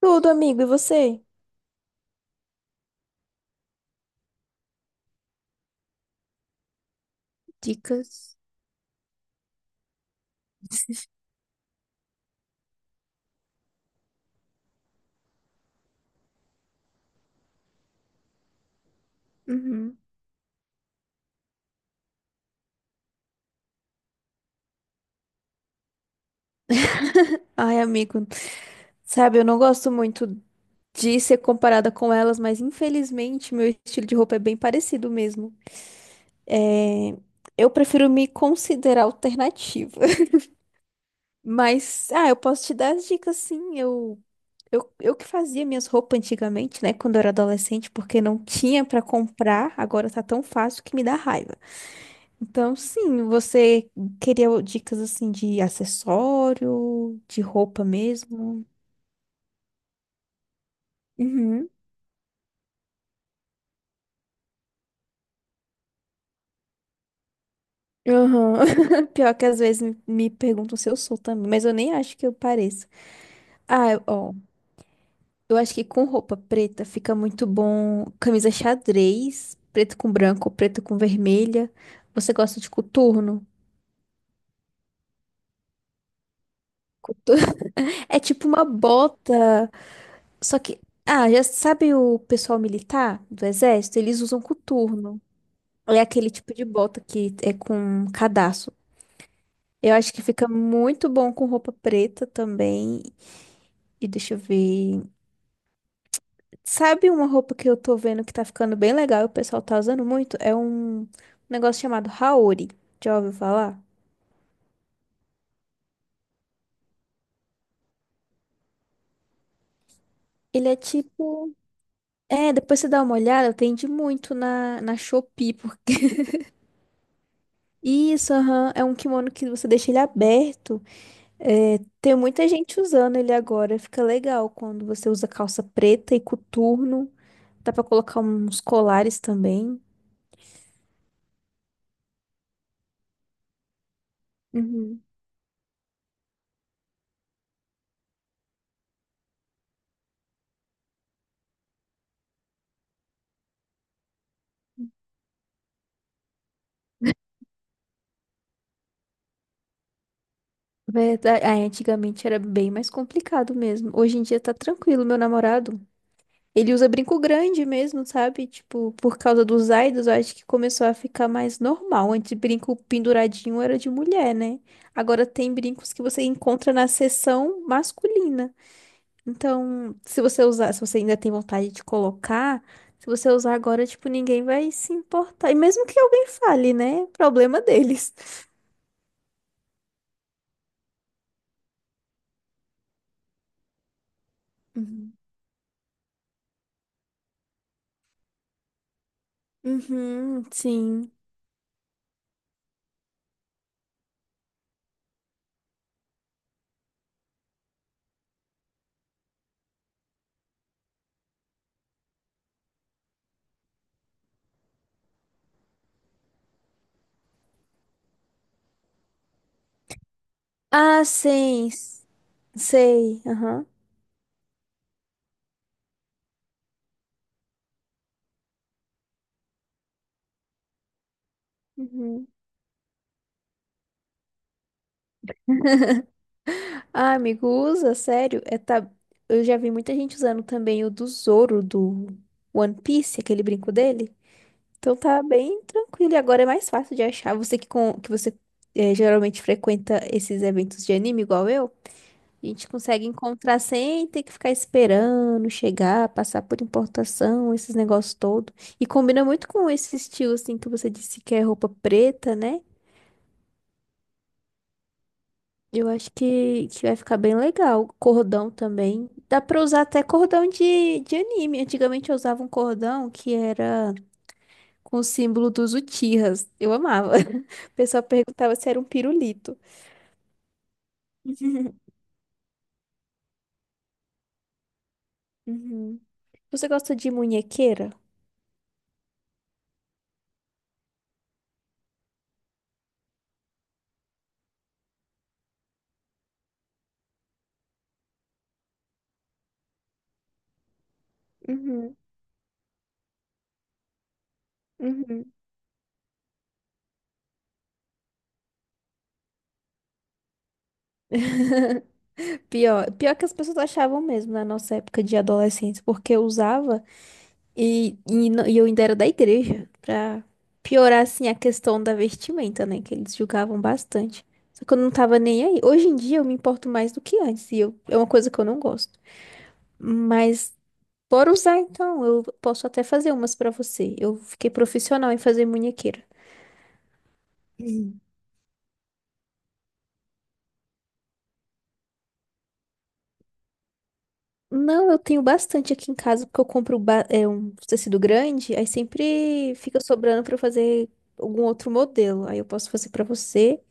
Tudo, amigo, e você? Dicas. Uhum. Ai, amigo, sabe, eu não gosto muito de ser comparada com elas, mas infelizmente meu estilo de roupa é bem parecido mesmo. É, eu prefiro me considerar alternativa. Mas, eu posso te dar as dicas sim. Eu que fazia minhas roupas antigamente, né, quando eu era adolescente, porque não tinha pra comprar, agora tá tão fácil que me dá raiva. Então, sim, você queria dicas assim de acessório, de roupa mesmo? Uhum. Aham. Pior que às vezes me perguntam se eu sou também, mas eu nem acho que eu pareço. Ó, eu acho que com roupa preta fica muito bom camisa xadrez, preto com branco, preto com vermelha. Você gosta de coturno? Cotu- É tipo uma bota, só que, já sabe, o pessoal militar do exército, eles usam coturno. É aquele tipo de bota que é com cadarço. Eu acho que fica muito bom com roupa preta também. E deixa eu ver. Sabe uma roupa que eu tô vendo que tá ficando bem legal e o pessoal tá usando muito? É um negócio chamado Haori. Já ouviu falar? Ele é tipo. É, depois você dá uma olhada, vende muito na Shopee, porque. Isso, aham, é um kimono que você deixa ele aberto. É, tem muita gente usando ele agora. Fica legal quando você usa calça preta e coturno. Dá pra colocar uns colares também. Uhum. Verdade. Ah, antigamente era bem mais complicado mesmo. Hoje em dia tá tranquilo, meu namorado. Ele usa brinco grande mesmo, sabe? Tipo, por causa dos aidos, eu acho que começou a ficar mais normal. Antes, brinco penduradinho era de mulher, né? Agora tem brincos que você encontra na seção masculina. Então, se você usar, se você ainda tem vontade de colocar, se você usar agora, tipo, ninguém vai se importar. E mesmo que alguém fale, né? Problema deles. Uhum. Uhum, sim. Ah, sim. Sei. Aham. Uhum. Ah, amigo, usa, sério. É, tá... Eu já vi muita gente usando também o do Zoro do One Piece, aquele brinco dele. Então tá bem tranquilo. E agora é mais fácil de achar. Você que, com... que você geralmente frequenta esses eventos de anime igual eu. A gente consegue encontrar sem ter que ficar esperando chegar, passar por importação, esses negócios todos. E combina muito com esse estilo, assim, que você disse que é roupa preta, né? Eu acho que vai ficar bem legal. Cordão também. Dá pra usar até cordão de anime. Antigamente eu usava um cordão que era com o símbolo dos Uchihas. Eu amava. O pessoal perguntava se era um pirulito. Uhum. Você gosta de munhequeira? Uhum. Uhum. Pior que as pessoas achavam mesmo na nossa época de adolescência, porque eu usava e, no- e eu ainda era da igreja, pra piorar assim a questão da vestimenta, né? Que eles julgavam bastante. Só que eu não tava nem aí. Hoje em dia eu me importo mais do que antes, e eu, é uma coisa que eu não gosto. Mas por usar, então, eu posso até fazer umas pra você. Eu fiquei profissional em fazer munhequeira. Não, eu tenho bastante aqui em casa, porque eu compro um tecido grande, aí sempre fica sobrando pra eu fazer algum outro modelo. Aí eu posso fazer pra você.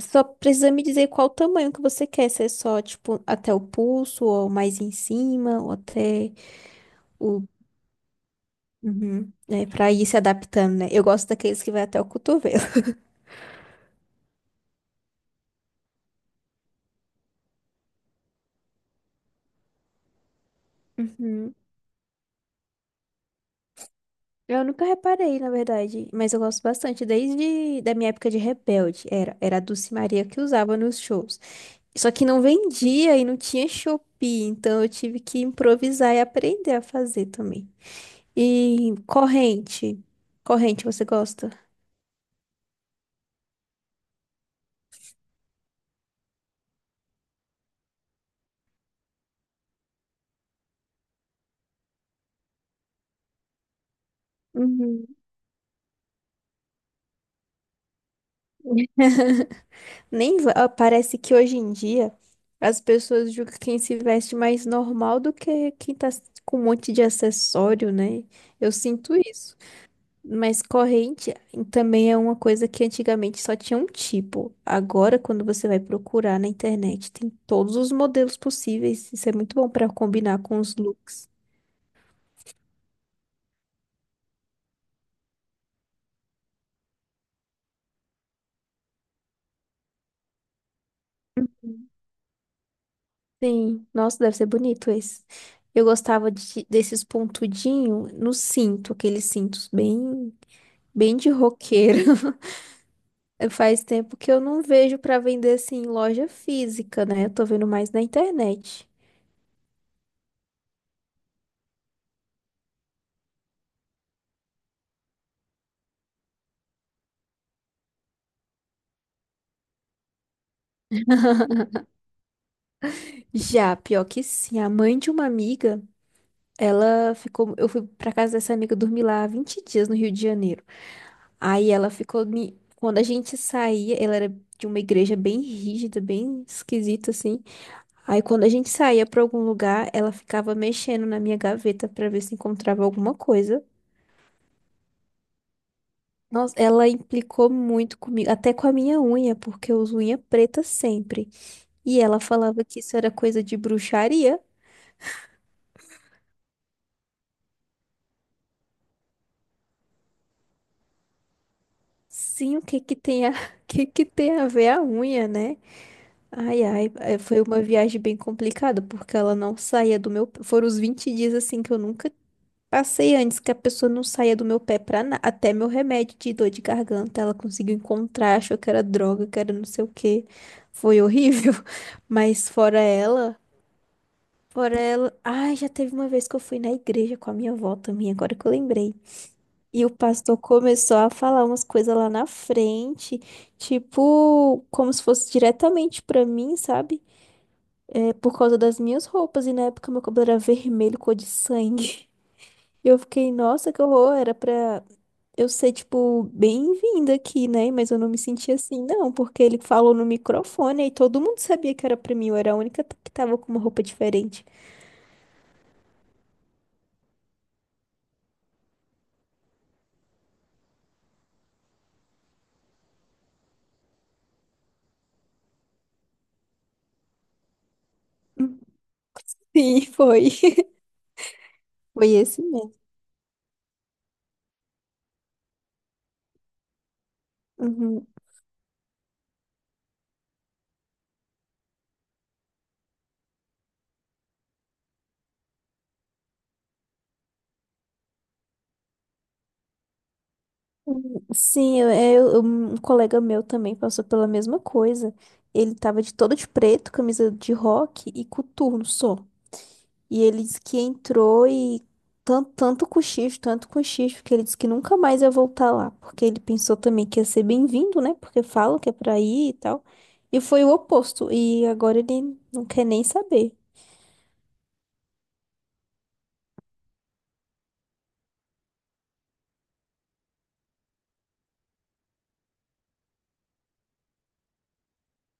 Só precisa me dizer qual o tamanho que você quer, se é só, tipo, até o pulso, ou mais em cima, ou até o... Uhum. É, pra ir se adaptando, né? Eu gosto daqueles que vai até o cotovelo. Uhum. Eu nunca reparei, na verdade, mas eu gosto bastante. Desde da minha época de Rebelde, era a Dulce Maria que usava nos shows. Só que não vendia e não tinha Shopee, então eu tive que improvisar e aprender a fazer também. E corrente. Corrente, você gosta? Uhum. Nem va- ah, Parece que hoje em dia as pessoas julgam quem se veste mais normal do que quem tá com um monte de acessório, né? Eu sinto isso. Mas corrente também é uma coisa que antigamente só tinha um tipo. Agora, quando você vai procurar na internet, tem todos os modelos possíveis. Isso é muito bom para combinar com os looks. Sim, nossa, deve ser bonito esse. Eu gostava desses pontudinhos no cinto, aqueles cintos bem, bem de roqueiro. Faz tempo que eu não vejo para vender assim em loja física, né? Eu tô vendo mais na internet. Já, pior que sim, a mãe de uma amiga. Ela ficou. Eu fui pra casa dessa amiga dormir lá há 20 dias no Rio de Janeiro. Aí ela ficou. Quando a gente saía, ela era de uma igreja bem rígida, bem esquisita, assim. Aí quando a gente saía pra algum lugar, ela ficava mexendo na minha gaveta pra ver se encontrava alguma coisa. Nossa, ela implicou muito comigo, até com a minha unha, porque eu uso unha preta sempre. E ela falava que isso era coisa de bruxaria. Sim, o que que tem a, o que que tem a ver a unha, né? Ai, ai, é, foi uma viagem bem complicada, porque ela não saía do meu pé. Foram os 20 dias assim que eu nunca passei antes, que a pessoa não saía do meu pé pra nada. Até meu remédio de dor de garganta, ela conseguiu encontrar, achou que era droga, que era não sei o quê. Foi horrível. Mas fora ela, fora ela. Ai, já teve uma vez que eu fui na igreja com a minha avó também, agora que eu lembrei. E o pastor começou a falar umas coisas lá na frente, tipo, como se fosse diretamente pra mim, sabe? É por causa das minhas roupas, e na época meu cabelo era vermelho, cor de sangue. E eu fiquei, nossa, que horror, era pra eu ser, tipo, bem-vinda aqui, né? Mas eu não me senti assim, não, porque ele falou no microfone e todo mundo sabia que era pra mim, eu era a única que tava com uma roupa diferente. Sim, foi. Foi esse mesmo. Uhum. Uhum. Sim, eu, é, um colega meu também passou pela mesma coisa. Ele tava de todo de preto, camisa de rock e coturno só. E ele disse que entrou e tanto cochicho, que ele disse que nunca mais ia voltar lá, porque ele pensou também que ia ser bem-vindo, né? Porque falam que é pra ir e tal. E foi o oposto. E agora ele não quer nem saber.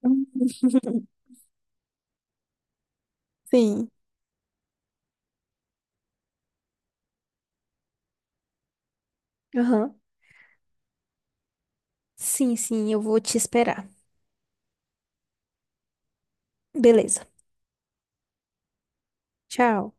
Hum. Sim. Aham. Sim, sim, eu vou te esperar. Beleza. Tchau.